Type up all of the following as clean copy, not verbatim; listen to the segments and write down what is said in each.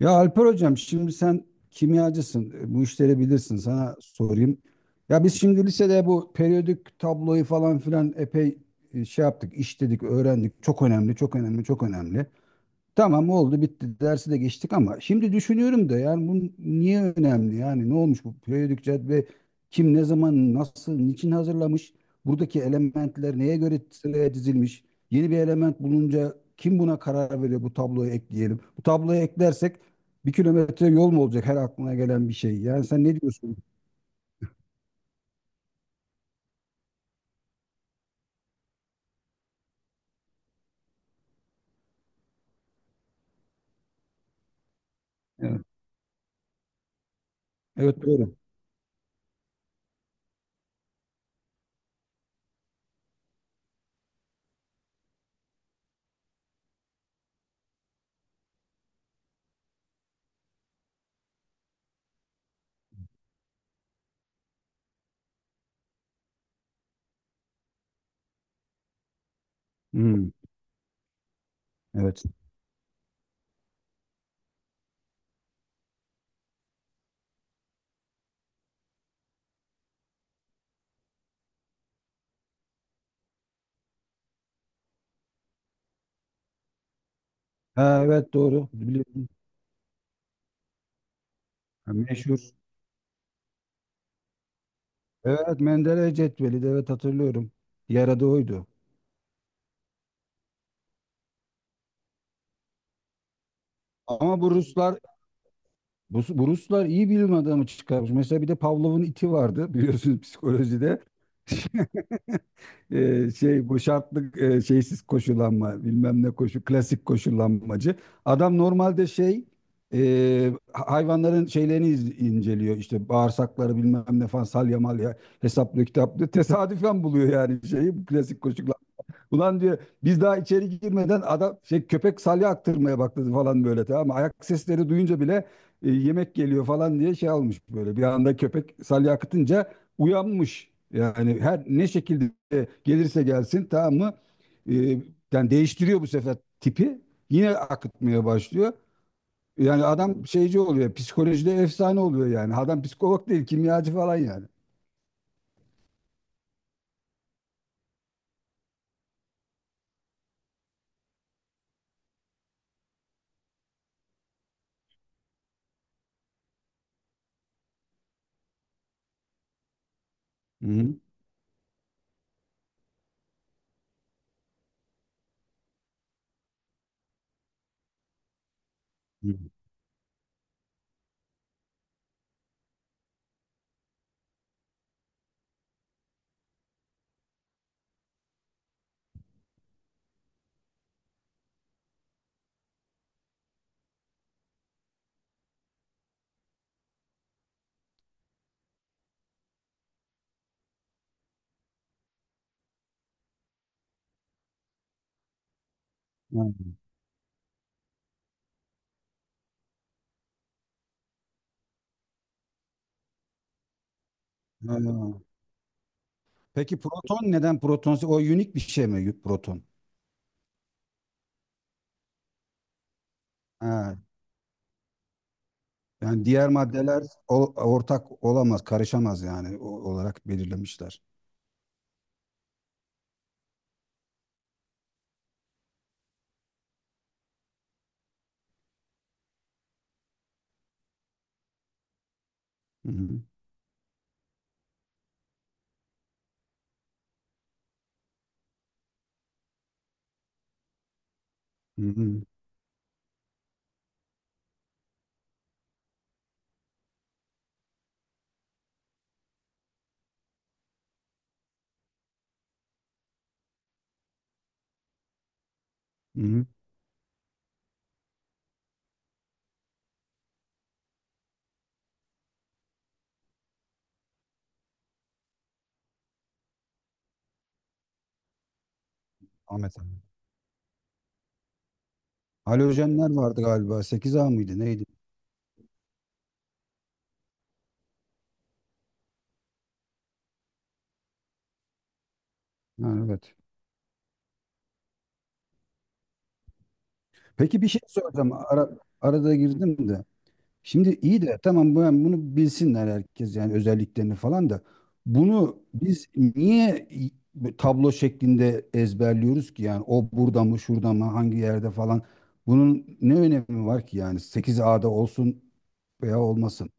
Ya Alper hocam şimdi sen kimyacısın. Bu işleri bilirsin. Sana sorayım. Ya biz şimdi lisede bu periyodik tabloyu falan filan epey yaptık, işledik, öğrendik. Çok önemli, çok önemli, çok önemli. Tamam, oldu bitti, dersi de geçtik ama şimdi düşünüyorum da yani bu niye önemli, yani ne olmuş bu periyodik cetvel, kim ne zaman nasıl niçin hazırlamış, buradaki elementler neye göre sıraya dizilmiş, yeni bir element bulunca kim buna karar veriyor, bu tabloyu ekleyelim, bu tabloyu eklersek bir kilometre yol mu olacak her aklına gelen bir şey, yani sen ne diyorsun? Evet, evet doğru. Hmm, evet. Ha, evet doğru biliyorum. Ha, meşhur. Evet, Menderes cetveli de evet hatırlıyorum. Diğer adı oydu. Ama bu Ruslar, bu Ruslar iyi bilim adamı çıkarmış. Mesela bir de Pavlov'un iti vardı, biliyorsunuz, psikolojide. Bu şartlı e, şeysiz koşullanma bilmem ne koşu, klasik koşullanmacı. Adam normalde hayvanların şeylerini inceliyor, işte bağırsakları bilmem ne falan, salya malya hesaplıyor, kitaplıyor. Tesadüfen buluyor yani şeyi, bu klasik. Ulan diyor, biz daha içeri girmeden adam, şey, köpek salya aktırmaya başladı falan, böyle, tamam mı? Ayak sesleri duyunca bile yemek geliyor falan diye şey almış böyle. Bir anda köpek salya akıtınca uyanmış. Yani her ne şekilde gelirse gelsin, tamam mı? E, Yani değiştiriyor bu sefer tipi. Yine akıtmaya başlıyor. Yani adam şeyci oluyor. Psikolojide efsane oluyor yani. Adam psikolog değil, kimyacı falan yani. Hı hı. Hı. Ha. Ha. Peki proton neden proton? O unik bir şey mi proton? Ha, yani diğer maddeler ortak olamaz, karışamaz yani olarak belirlemişler. Hı hı. Hı hı. Hı hı. Ahmet abi. Halojenler vardı galiba. Sekiz a mıydı neydi? Ha, evet. Peki bir şey soracağım. Arada girdim de. Şimdi iyi de tamam yani bunu bilsinler herkes, yani özelliklerini falan da bunu biz niye bu tablo şeklinde ezberliyoruz ki, yani o burada mı şurada mı hangi yerde falan, bunun ne önemi var ki, yani sekiz ada olsun veya olmasın.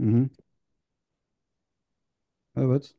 Hı hı. Evet.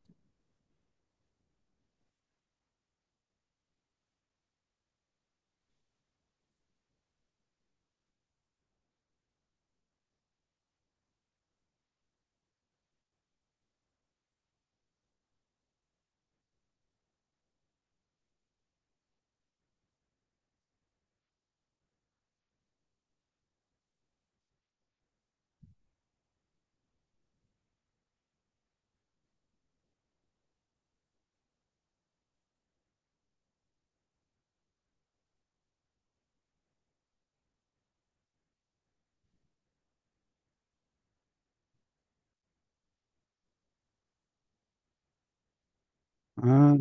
Ha,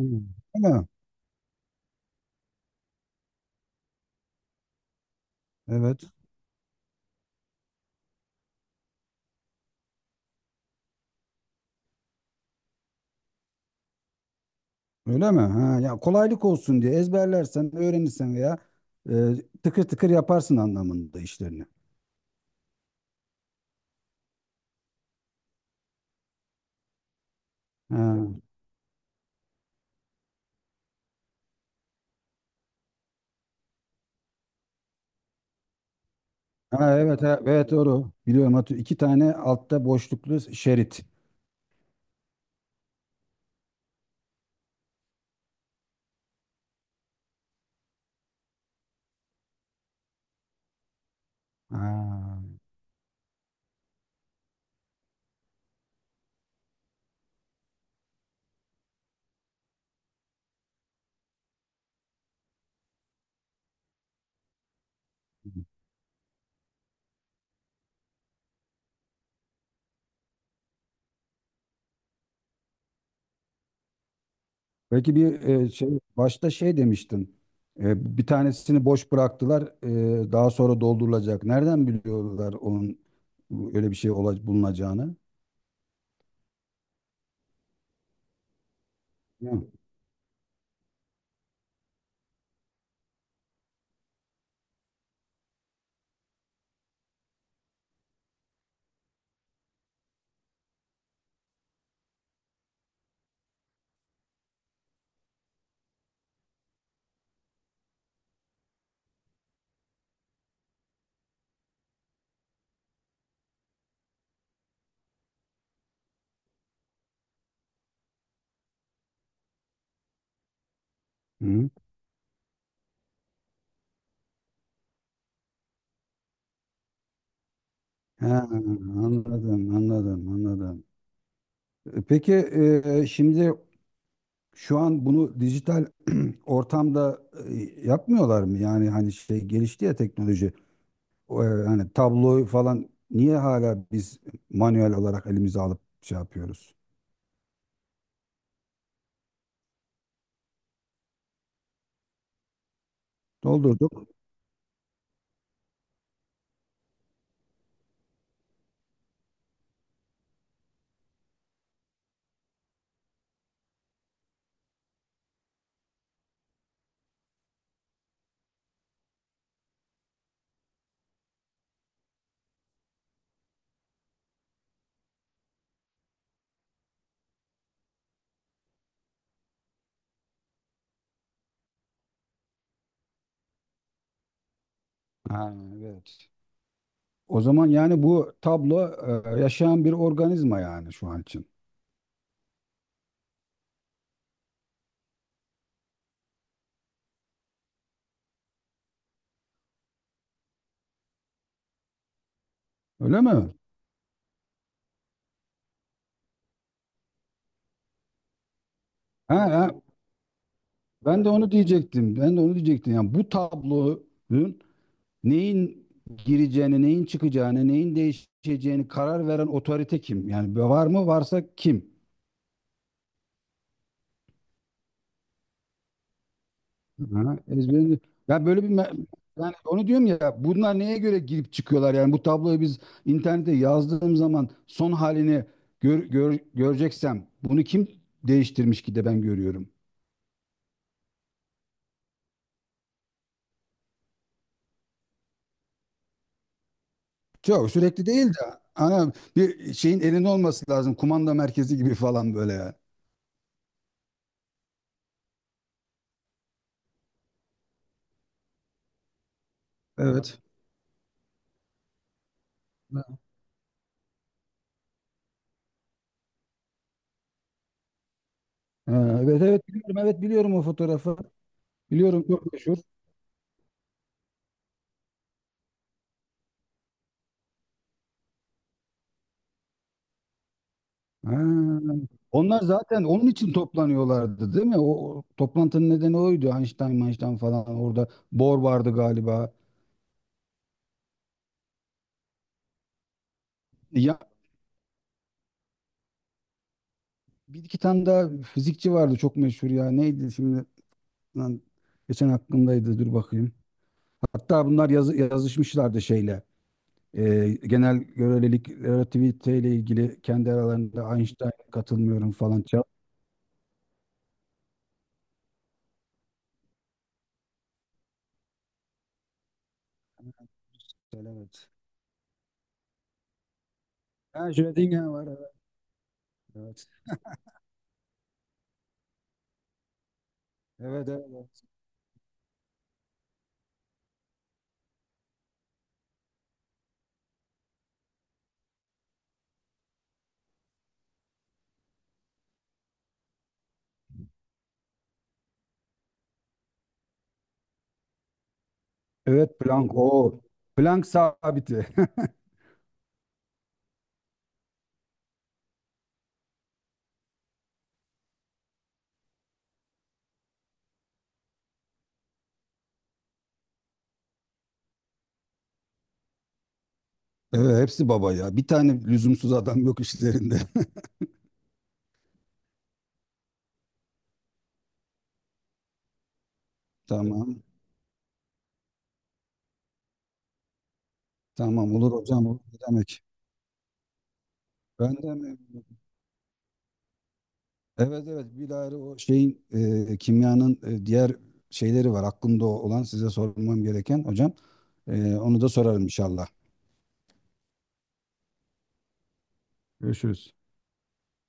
öyle mi? Evet. Öyle mi? Ha, ya kolaylık olsun diye ezberlersen, öğrenirsen veya e, tıkır tıkır yaparsın anlamında işlerini. Ha. Ha, evet, ha, evet doğru. Biliyorum Hatu. İki tane altta boşluklu şerit. Ha. Peki bir şey başta şey demiştin. E, bir tanesini boş bıraktılar. Daha sonra doldurulacak. Nereden biliyorlar onun öyle bir şey bulunacağını? Hı. Hı. Ha, anladım, anladım, anladım. Peki, şimdi şu an bunu dijital ortamda e, yapmıyorlar mı? Yani hani şey gelişti ya teknoloji. Hani tabloyu falan niye hala biz manuel olarak elimize alıp şey yapıyoruz? Doldurduk. Ha, evet. O zaman yani bu tablo yaşayan bir organizma yani şu an için. Öyle mi? Ha, ha, ben de onu diyecektim. Ben de onu diyecektim. Yani bu tablonun neyin gireceğini, neyin çıkacağını, neyin değişeceğini karar veren otorite kim? Yani var mı? Varsa kim? Ha, ezberi. Ya böyle bir yani onu diyorum ya, bunlar neye göre girip çıkıyorlar, yani bu tabloyu biz internete yazdığım zaman son halini göreceksem bunu kim değiştirmiş ki de ben görüyorum. Çok sürekli değil de ana bir şeyin elinde olması lazım, kumanda merkezi gibi falan böyle yani. Evet. Ha, evet evet biliyorum, evet biliyorum o fotoğrafı. Biliyorum çok meşhur. Ha, onlar zaten onun için toplanıyorlardı değil mi? O, o toplantının nedeni oydu. Einstein, Einstein falan orada. Bohr vardı galiba. Ya bir iki tane daha fizikçi vardı çok meşhur ya. Neydi şimdi? Lan, geçen aklımdaydı. Dur bakayım. Hatta bunlar yazışmışlardı şeyle. Genel görelilik, relativite ile ilgili kendi aralarında Einstein katılmıyorum falan. Evet. Ha, Schrödinger var evet. Evet. Evet, evet. Evet, plank o. Plank sabiti. Evet, hepsi baba ya. Bir tane lüzumsuz adam yok işlerinde. Tamam. Tamam olur hocam. Olur. Ne demek? Ben de mi? Evet evet bilahare o şeyin, kimyanın diğer şeyleri var. Aklımda olan size sormam gereken hocam. Onu da sorarım inşallah. Görüşürüz.